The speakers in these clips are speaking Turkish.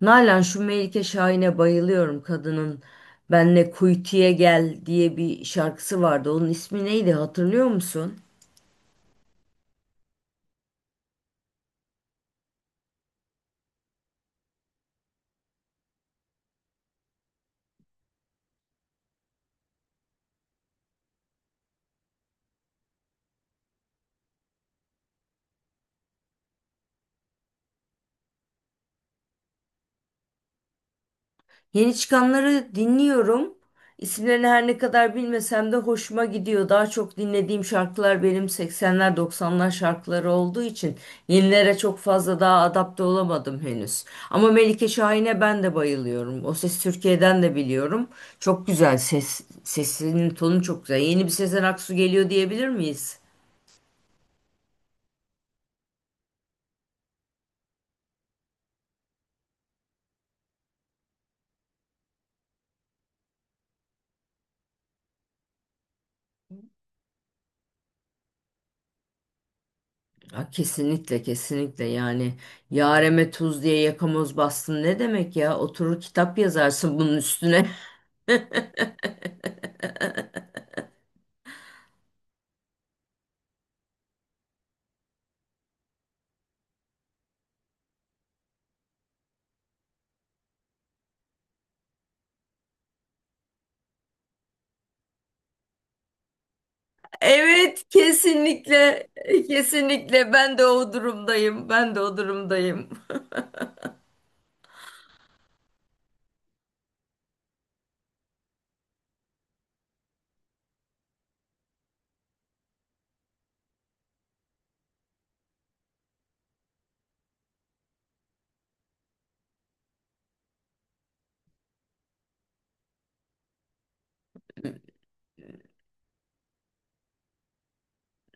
Nalan, şu Melike Şahin'e bayılıyorum kadının. Benle kuytuya gel diye bir şarkısı vardı. Onun ismi neydi, hatırlıyor musun? Yeni çıkanları dinliyorum. İsimlerini her ne kadar bilmesem de hoşuma gidiyor. Daha çok dinlediğim şarkılar benim 80'ler 90'lar şarkıları olduğu için yenilere çok fazla daha adapte olamadım henüz. Ama Melike Şahin'e ben de bayılıyorum. O Ses Türkiye'den de biliyorum. Çok güzel sesinin tonu çok güzel. Yeni bir Sezen Aksu geliyor diyebilir miyiz? Ya kesinlikle kesinlikle, yani yareme tuz diye yakamoz bastın ne demek ya, oturur kitap yazarsın bunun üstüne. Evet, kesinlikle, kesinlikle, ben de o durumdayım, ben de o durumdayım.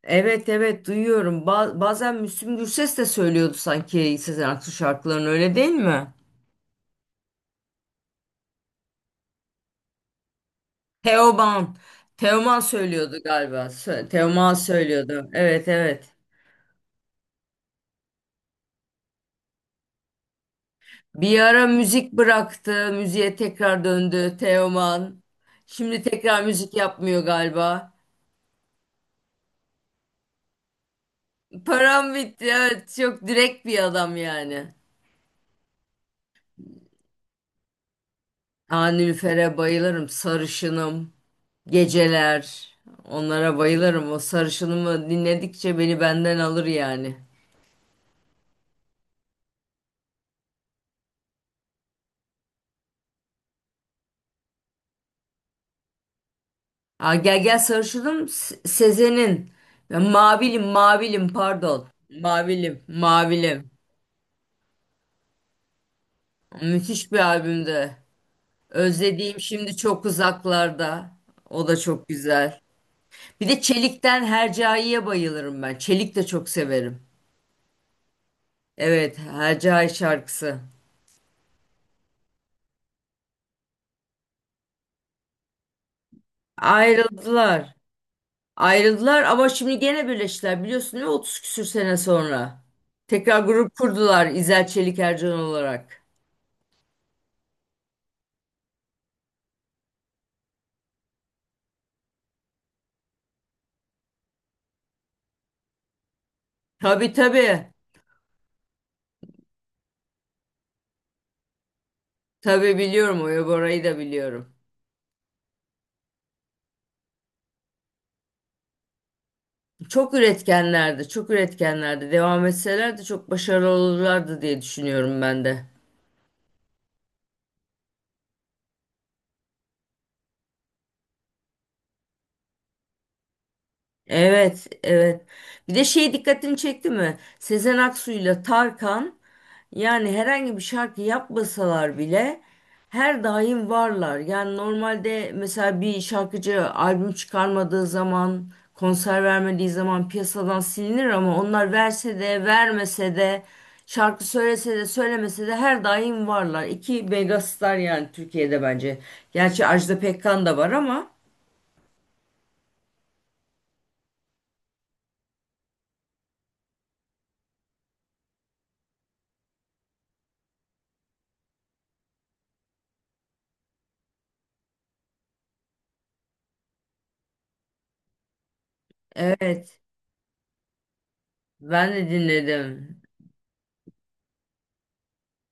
Evet evet, duyuyorum. Bazen Müslüm Gürses de söylüyordu sanki Sezen Aksu şarkılarını, öyle değil mi? Teoman. Teoman söylüyordu galiba. Teoman söylüyordu. Evet evet. Bir ara müzik bıraktı. Müziğe tekrar döndü Teoman. Şimdi tekrar müzik yapmıyor galiba. Param bitti. Evet, çok direkt bir adam yani. Aa, Nilüfer'e bayılırım. Sarışınım. Geceler. Onlara bayılırım. O sarışınımı dinledikçe beni benden alır yani. Aa, gel gel sarışınım. Sezen'in. Ben Mavilim mavilim pardon. Mavilim mavilim. Müthiş bir albümde. Özlediğim şimdi çok uzaklarda. O da çok güzel. Bir de Çelik'ten Hercai'ye bayılırım ben. Çelik de çok severim. Evet, Hercai şarkısı. Ayrıldılar. Ayrıldılar ama şimdi gene birleştiler, biliyorsun değil mi, 30 küsür sene sonra. Tekrar grup kurdular İzel Çelik Ercan olarak. Tabii tabii. Tabii biliyorum, Oya Bora'yı da biliyorum. Çok üretkenlerdi, çok üretkenlerdi. Devam etselerdi çok başarılı olurlardı diye düşünüyorum ben de. Evet, evet. Bir de şey dikkatini çekti mi? Sezen Aksu'yla Tarkan, yani herhangi bir şarkı yapmasalar bile her daim varlar. Yani normalde mesela bir şarkıcı albüm çıkarmadığı zaman, konser vermediği zaman piyasadan silinir, ama onlar verse de vermese de şarkı söylese de söylemese de her daim varlar. İki megastar yani Türkiye'de bence. Gerçi Ajda Pekkan da var ama. Evet, ben de dinledim.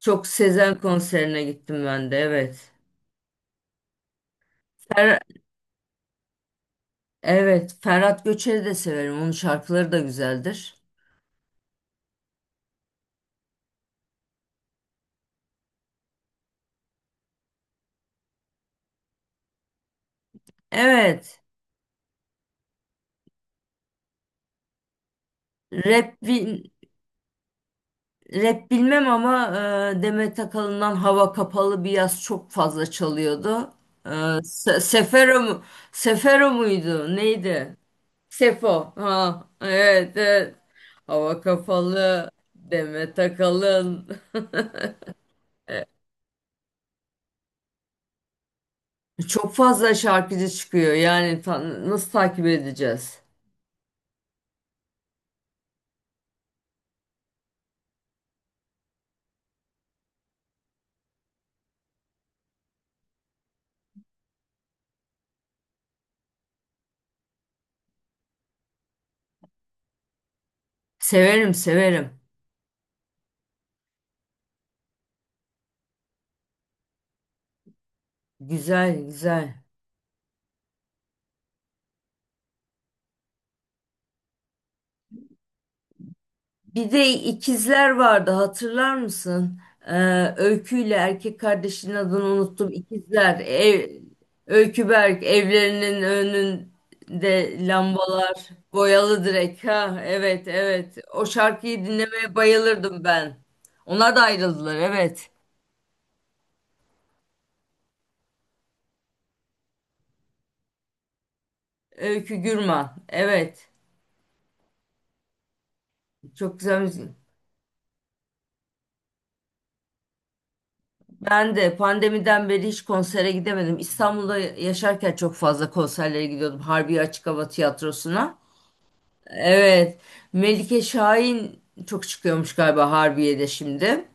Çok Sezen konserine gittim ben de, evet. Fer- Evet, Ferhat Göçer'i de severim. Onun şarkıları da güzeldir. Evet, rap, bil- rap bilmem ama Demet Akalın'dan Hava Kapalı bir yaz çok fazla çalıyordu. Sefero mu? Sefero muydu? Neydi? Sefo. Ha, evet, evet. Hava Kapalı, Demet Akalın. Çok fazla şarkıcı çıkıyor. Yani nasıl takip edeceğiz? Severim, severim. Güzel, güzel. Bir de ikizler vardı, hatırlar mısın? Öykü ile erkek kardeşinin adını unuttum. İkizler. Öykü Berk, evlerinin önünde lambalar. Boyalı direk. Ha, evet evet. O şarkıyı dinlemeye bayılırdım ben. Onlar da ayrıldılar, evet. Öykü Gürman. Evet. Çok güzel müzik. Ben de pandemiden beri hiç konsere gidemedim. İstanbul'da yaşarken çok fazla konserlere gidiyordum. Harbiye Açık Hava Tiyatrosu'na. Evet. Melike Şahin çok çıkıyormuş galiba Harbiye'de şimdi.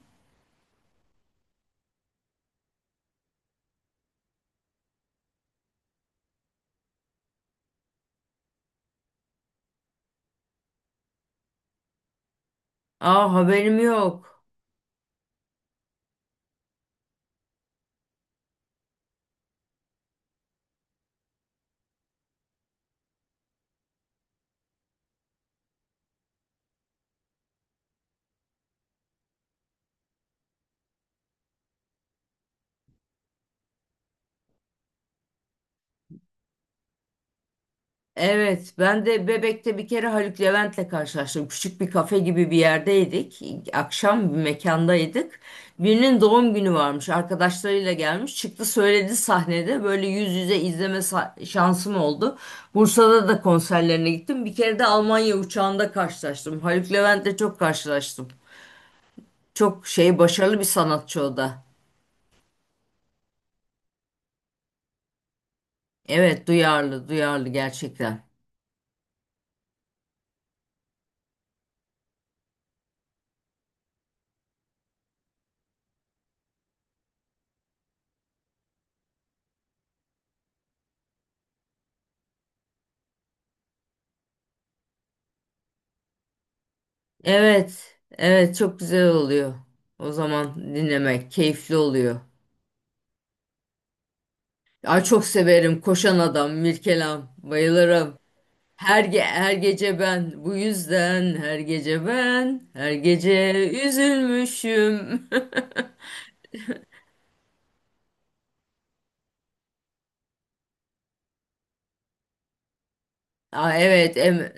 Aa, haberim yok. Evet, ben de Bebek'te bir kere Haluk Levent'le karşılaştım. Küçük bir kafe gibi bir yerdeydik. Akşam bir mekandaydık. Birinin doğum günü varmış. Arkadaşlarıyla gelmiş. Çıktı söyledi sahnede. Böyle yüz yüze izleme şansım oldu. Bursa'da da konserlerine gittim. Bir kere de Almanya uçağında karşılaştım. Haluk Levent'le çok karşılaştım. Çok şey, başarılı bir sanatçı o da. Evet, duyarlı duyarlı gerçekten. Evet evet, çok güzel oluyor. O zaman dinlemek keyifli oluyor. Ay, çok severim, koşan adam Mirkelam, bayılırım. Her gece ben, bu yüzden her gece ben her gece üzülmüşüm. Aa, evet,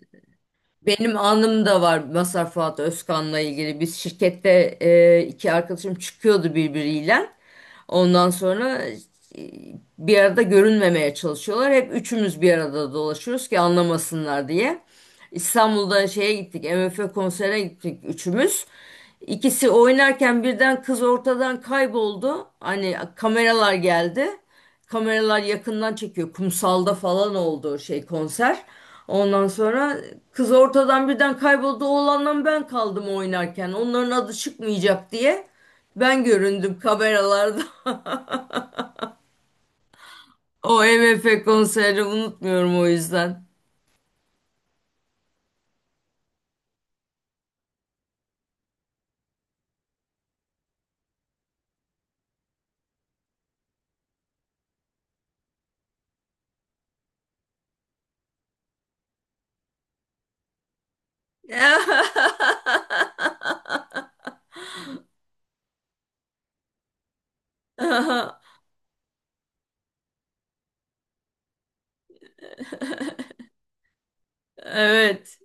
benim anım da var Mazhar Fuat Özkan'la ilgili. Biz şirkette iki arkadaşım çıkıyordu birbiriyle. Ondan sonra e, bir arada görünmemeye çalışıyorlar. Hep üçümüz bir arada dolaşıyoruz ki anlamasınlar diye. İstanbul'da şeye gittik, MF konserine gittik üçümüz. İkisi oynarken birden kız ortadan kayboldu. Hani kameralar geldi. Kameralar yakından çekiyor. Kumsalda falan oldu şey konser. Ondan sonra kız ortadan birden kayboldu. Oğlanla ben kaldım oynarken. Onların adı çıkmayacak diye. Ben göründüm kameralarda. O MF konserini unutmuyorum o yüzden. Evet.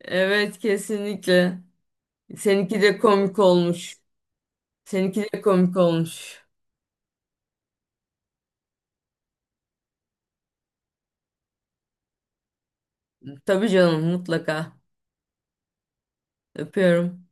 Evet, kesinlikle. Seninki de komik olmuş. Seninki de komik olmuş. Tabii canım, mutlaka. Öpüyorum.